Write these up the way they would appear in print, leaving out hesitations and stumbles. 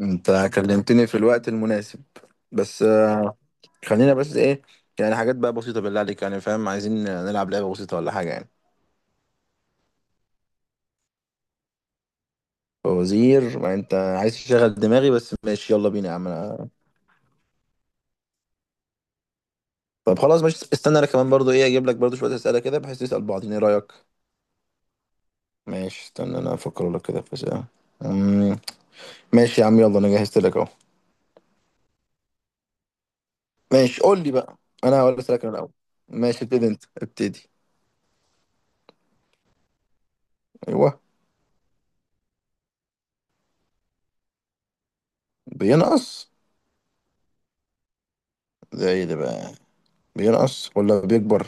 انت كلمتني في الوقت المناسب. بس خلينا بس ايه؟ يعني حاجات بقى بسيطة بالله عليك، يعني فاهم، عايزين نلعب لعبة بسيطة ولا حاجة يعني. فوزير، ما انت عايز تشغل دماغي، بس ماشي يلا بينا يا عم. طب خلاص ماشي، استنى انا كمان برضو ايه، اجيب لك برضو شوية أسئلة كده، بحيث نسأل بعضين. ايه رأيك؟ ماشي استنى انا افكر لك كده في أسئلة. أمم، ماشي يا عم، يلا انا جهزت لك اهو. ماشي قول لي بقى. انا هقول اسألك انا الاول. ماشي ابتدي انت، ابتدي. ايوه. بينقص؟ ده ايه ده بقى؟ بينقص ولا بيكبر؟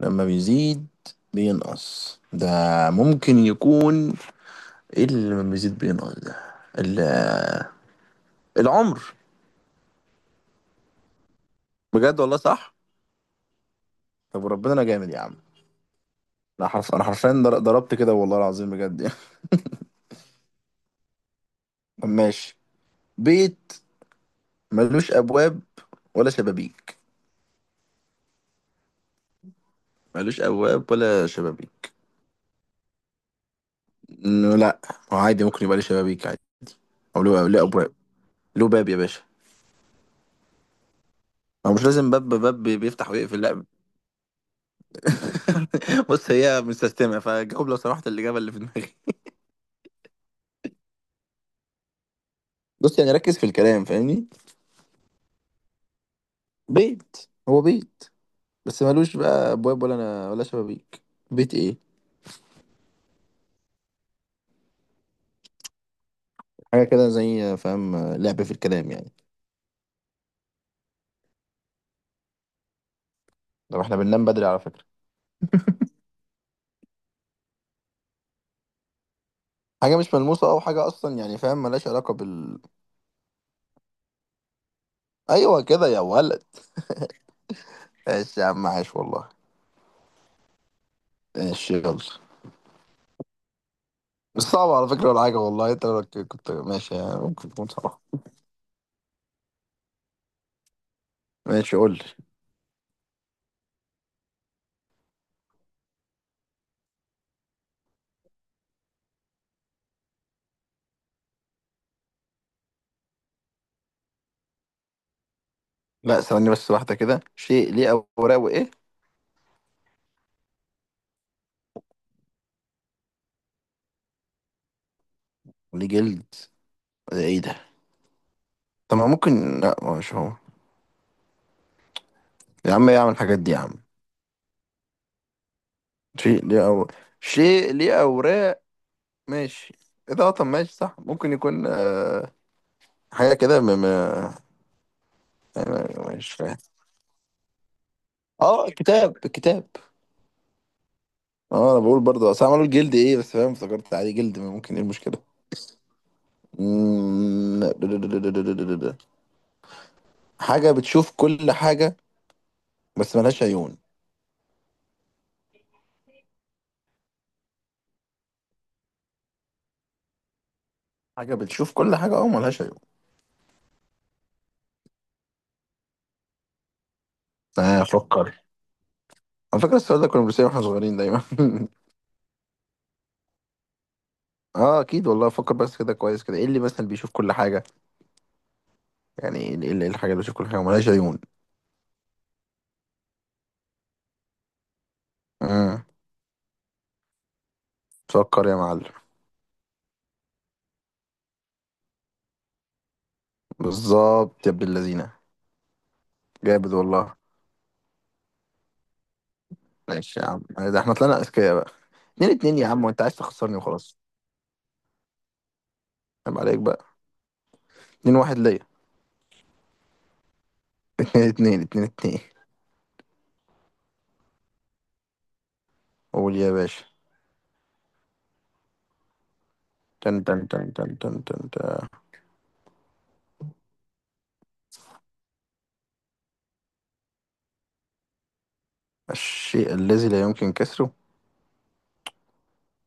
لما بيزيد بينقص ده، ممكن يكون ايه اللي لما بيزيد بينقص ده؟ ال- العمر. بجد والله صح؟ طب وربنا انا جامد يا عم. انا حرف، انا حرفيا ضربت كده، والله العظيم بجد يعني. طب ماشي. بيت ملوش ابواب ولا شبابيك. ملوش ابواب ولا شبابيك. إنه لا، هو عادي ممكن يبقى ليه شبابيك عادي، او له، له ابواب. له باب يا باشا. هو مش لازم باب، باب بيفتح ويقفل، لا. بص، هي مستسلمه فجاوب لو سمحت الاجابه اللي في دماغي. بص يعني ركز في الكلام، فاهمني؟ بيت هو بيت، بس ملوش بقى ابواب ولا أنا ولا شبابيك. بيت ايه؟ حاجه كده زي فاهم، لعب في الكلام يعني. طب احنا بننام بدري على فكره. حاجه مش ملموسه، او حاجه اصلا يعني فاهم، ملهاش علاقه بال. ايوه كده يا ولد. ماشي يا عم، عاش والله. ماشي يلا. مش صعبه على فكره ولا حاجه والله، انت لو كنت ماشي يعني ممكن تكون صعبه. ماشي قول لي. لا ثواني بس واحده كده، شيء ليه اوراق وايه؟ ليه جلد؟ ده ايه ده؟ طب ما ممكن، لا مش هو. يا عم ايه اعمل الحاجات دي يا عم. شيء ليه أو، شيء ليه أوراق. ماشي. إيه ده؟ طب ماشي صح، ممكن يكون آه حاجة كده م... م... أنا مش فاهم. اه كتاب، كتاب. اه انا بقول برضه، اصل عملوا الجلد ايه، بس فاهم افتكرت عادي، جلد ممكن، ايه المشكلة؟ مم. حاجة بتشوف كل حاجة بس ملهاش عيون. حاجة بتشوف كل حاجة، اه ملهاش عيون. آه فكر. على فكرة السؤال ده كنا بنسأله واحنا صغيرين دايما. اه اكيد والله، فكر بس كده كويس كده. ايه اللي مثلا بيشوف كل حاجة؟ يعني ايه إيه الحاجة اللي بتشوف كل حاجة وملهاش عيون؟ امم، سكر يا معلم. بالظبط يا ابن اللذينة. جامد والله. ماشي يا عم، ده احنا طلعنا اذكياء بقى. اتنين اتنين يا عم، وانت عايز تخسرني وخلاص. عيب عليك بقى. اتنين واحد ليا. اتنين. اتنين اتنين اتنين. قول يا باشا. تن تن تن تن تن تن تن. الشيء الذي لا يمكن كسره؟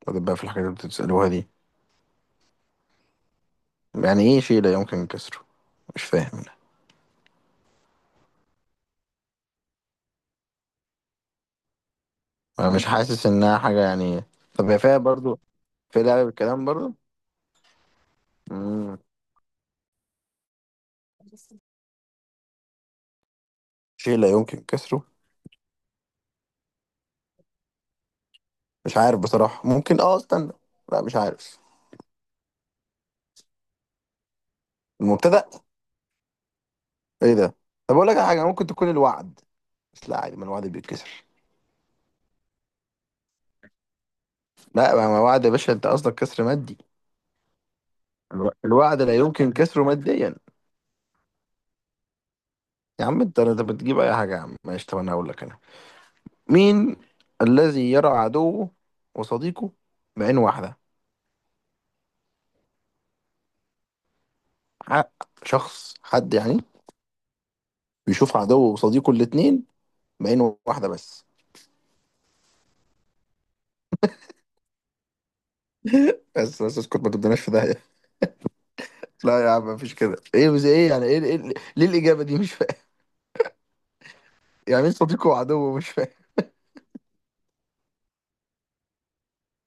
وده بقى في الحاجات اللي بتسألوها دي؟ يعني ايه شيء لا يمكن كسره؟ مش فاهم انا. أنا مش حاسس انها حاجة يعني. طب هي فيها برضو، في لعبة بالكلام برضو. مم. شيء لا يمكن كسره. مش عارف بصراحة، ممكن اه استنى. لا مش عارف. المبتدأ؟ ايه ده؟ طب اقول لك على حاجة ممكن تكون الوعد، بس لا عادي ما الوعد بيتكسر. لا، ما وعد يا باشا، انت قصدك كسر مادي. الوعد لا يمكن كسره ماديا. يا عم انت، بتجيب اي حاجة يا عم. ماشي طب انا هقول لك انا. مين الذي يرى عدوه وصديقه بعين واحدة؟ حق شخص، حد يعني بيشوف عدوه وصديقه الاتنين بعين واحدة بس. بس اسكت ما تبدناش في ده. لا يا عم، مفيش كده ايه بس ايه، يعني ايه، إيه؟ ليه الاجابه دي؟ مش فاهم. يعني مين صديقه وعدوه؟ مش فاهم.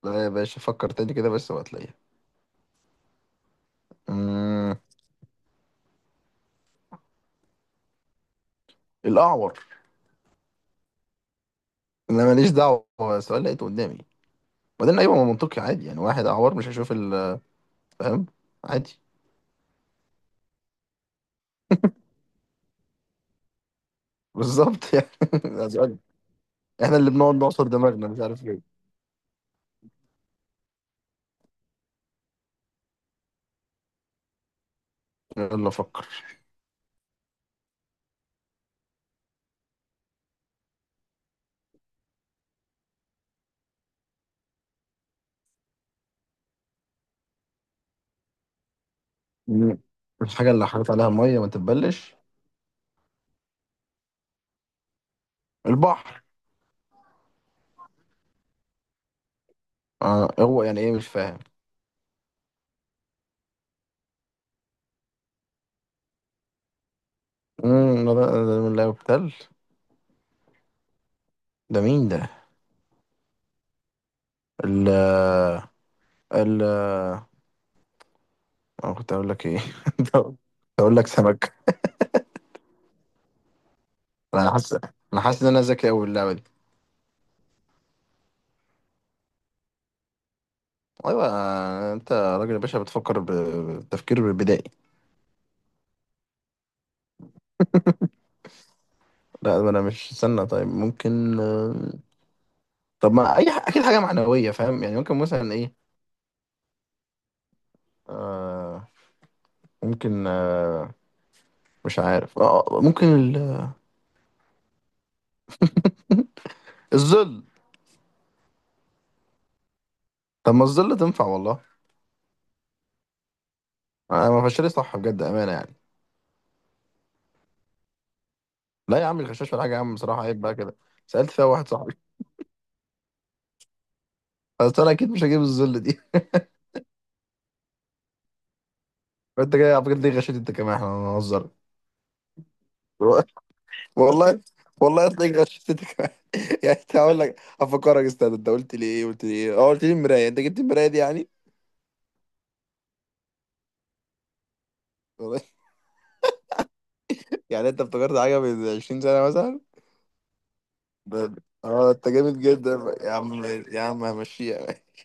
لا يا باشا، فكر تاني كده بس وهتلاقيها. امم. الاعور. انا ماليش دعوه، هو السؤال لقيته قدامي. وبعدين ايوه، ما منطقي عادي، يعني واحد اعور مش هيشوف ال، فاهم، عادي. بالظبط يعني. ده سؤال احنا اللي بنقعد نعصر دماغنا مش عارف ليه. يلا فكر. مم. الحاجه اللي حاطط عليها ميه ما تتبلش. البحر. آه هو يعني ايه؟ مش فاهم. امم، لا لا يقتل. ده مين ده؟ ال، ال، انا كنت اقول لك ايه، كنت اقول لك سمك. انا حاسس، انا حاسس ان انا ذكي قوي اللعبه دي. ايوه. انت راجل يا باشا بتفكر بتفكير بدائي. لا ما انا مش استنى، طيب ممكن طب ما اي اكيد حاجه معنويه فاهم، يعني ممكن مثلا ايه؟ آه، ممكن آه، مش عارف آه ممكن ال... الظل. طب ما الظل تنفع والله. انا ما فشلت صح بجد، امانه يعني. لا يا عم، الغشاش ولا حاجه يا عم بصراحه، عيب بقى كده. سالت فيها واحد صاحبي. بس انا اكيد مش هجيب الظل دي. انت جاي على فكره ليه غشيت انت كمان؟ احنا هنهزر. والله. والله تلاقيك غشيت انت كمان. يعني انت، هقول لك افكرك استاذ، انت قلت لي ايه، قلت لي ايه، اه قلت لي المرايه، انت جبت المرايه دي يعني. والله. يعني انت افتكرت حاجه من 20 سنه مثلا. ده- اه انت جامد جدا يا عم، يا عم همشيها.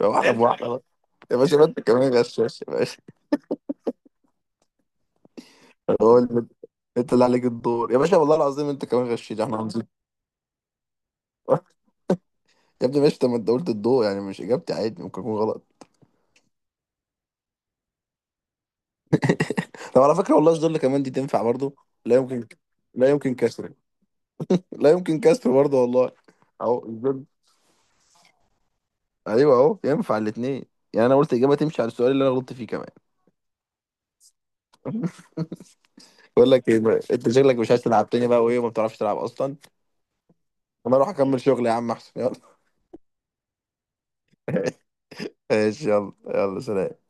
واحده بواحده بقى. يا باشا ما انت كمان غشاش يا باشا. قول لي، انت اللي عليك الدور يا باشا، والله العظيم انت كمان غشيت، احنا هنزيد. يا ابني ماشي، طب ما انت قلت الضوء، يعني مش اجابتي؟ عادي ممكن اكون غلط. طب على فكرة والله الظل كمان دي تنفع برضو. لا يمكن، لا يمكن كسر، لا يمكن كسر برضو والله. اهو الظل. ايوه اهو ينفع الاثنين. يعني انا قلت اجابه تمشي على السؤال اللي انا غلطت فيه كمان. بقول لك ايه بقى، انت شكلك مش عايز تلعب تاني بقى وايه، وما بتعرفش تلعب اصلا. انا اروح اكمل شغل يا عم احسن، يلا. ماشي يلا يلا سلام.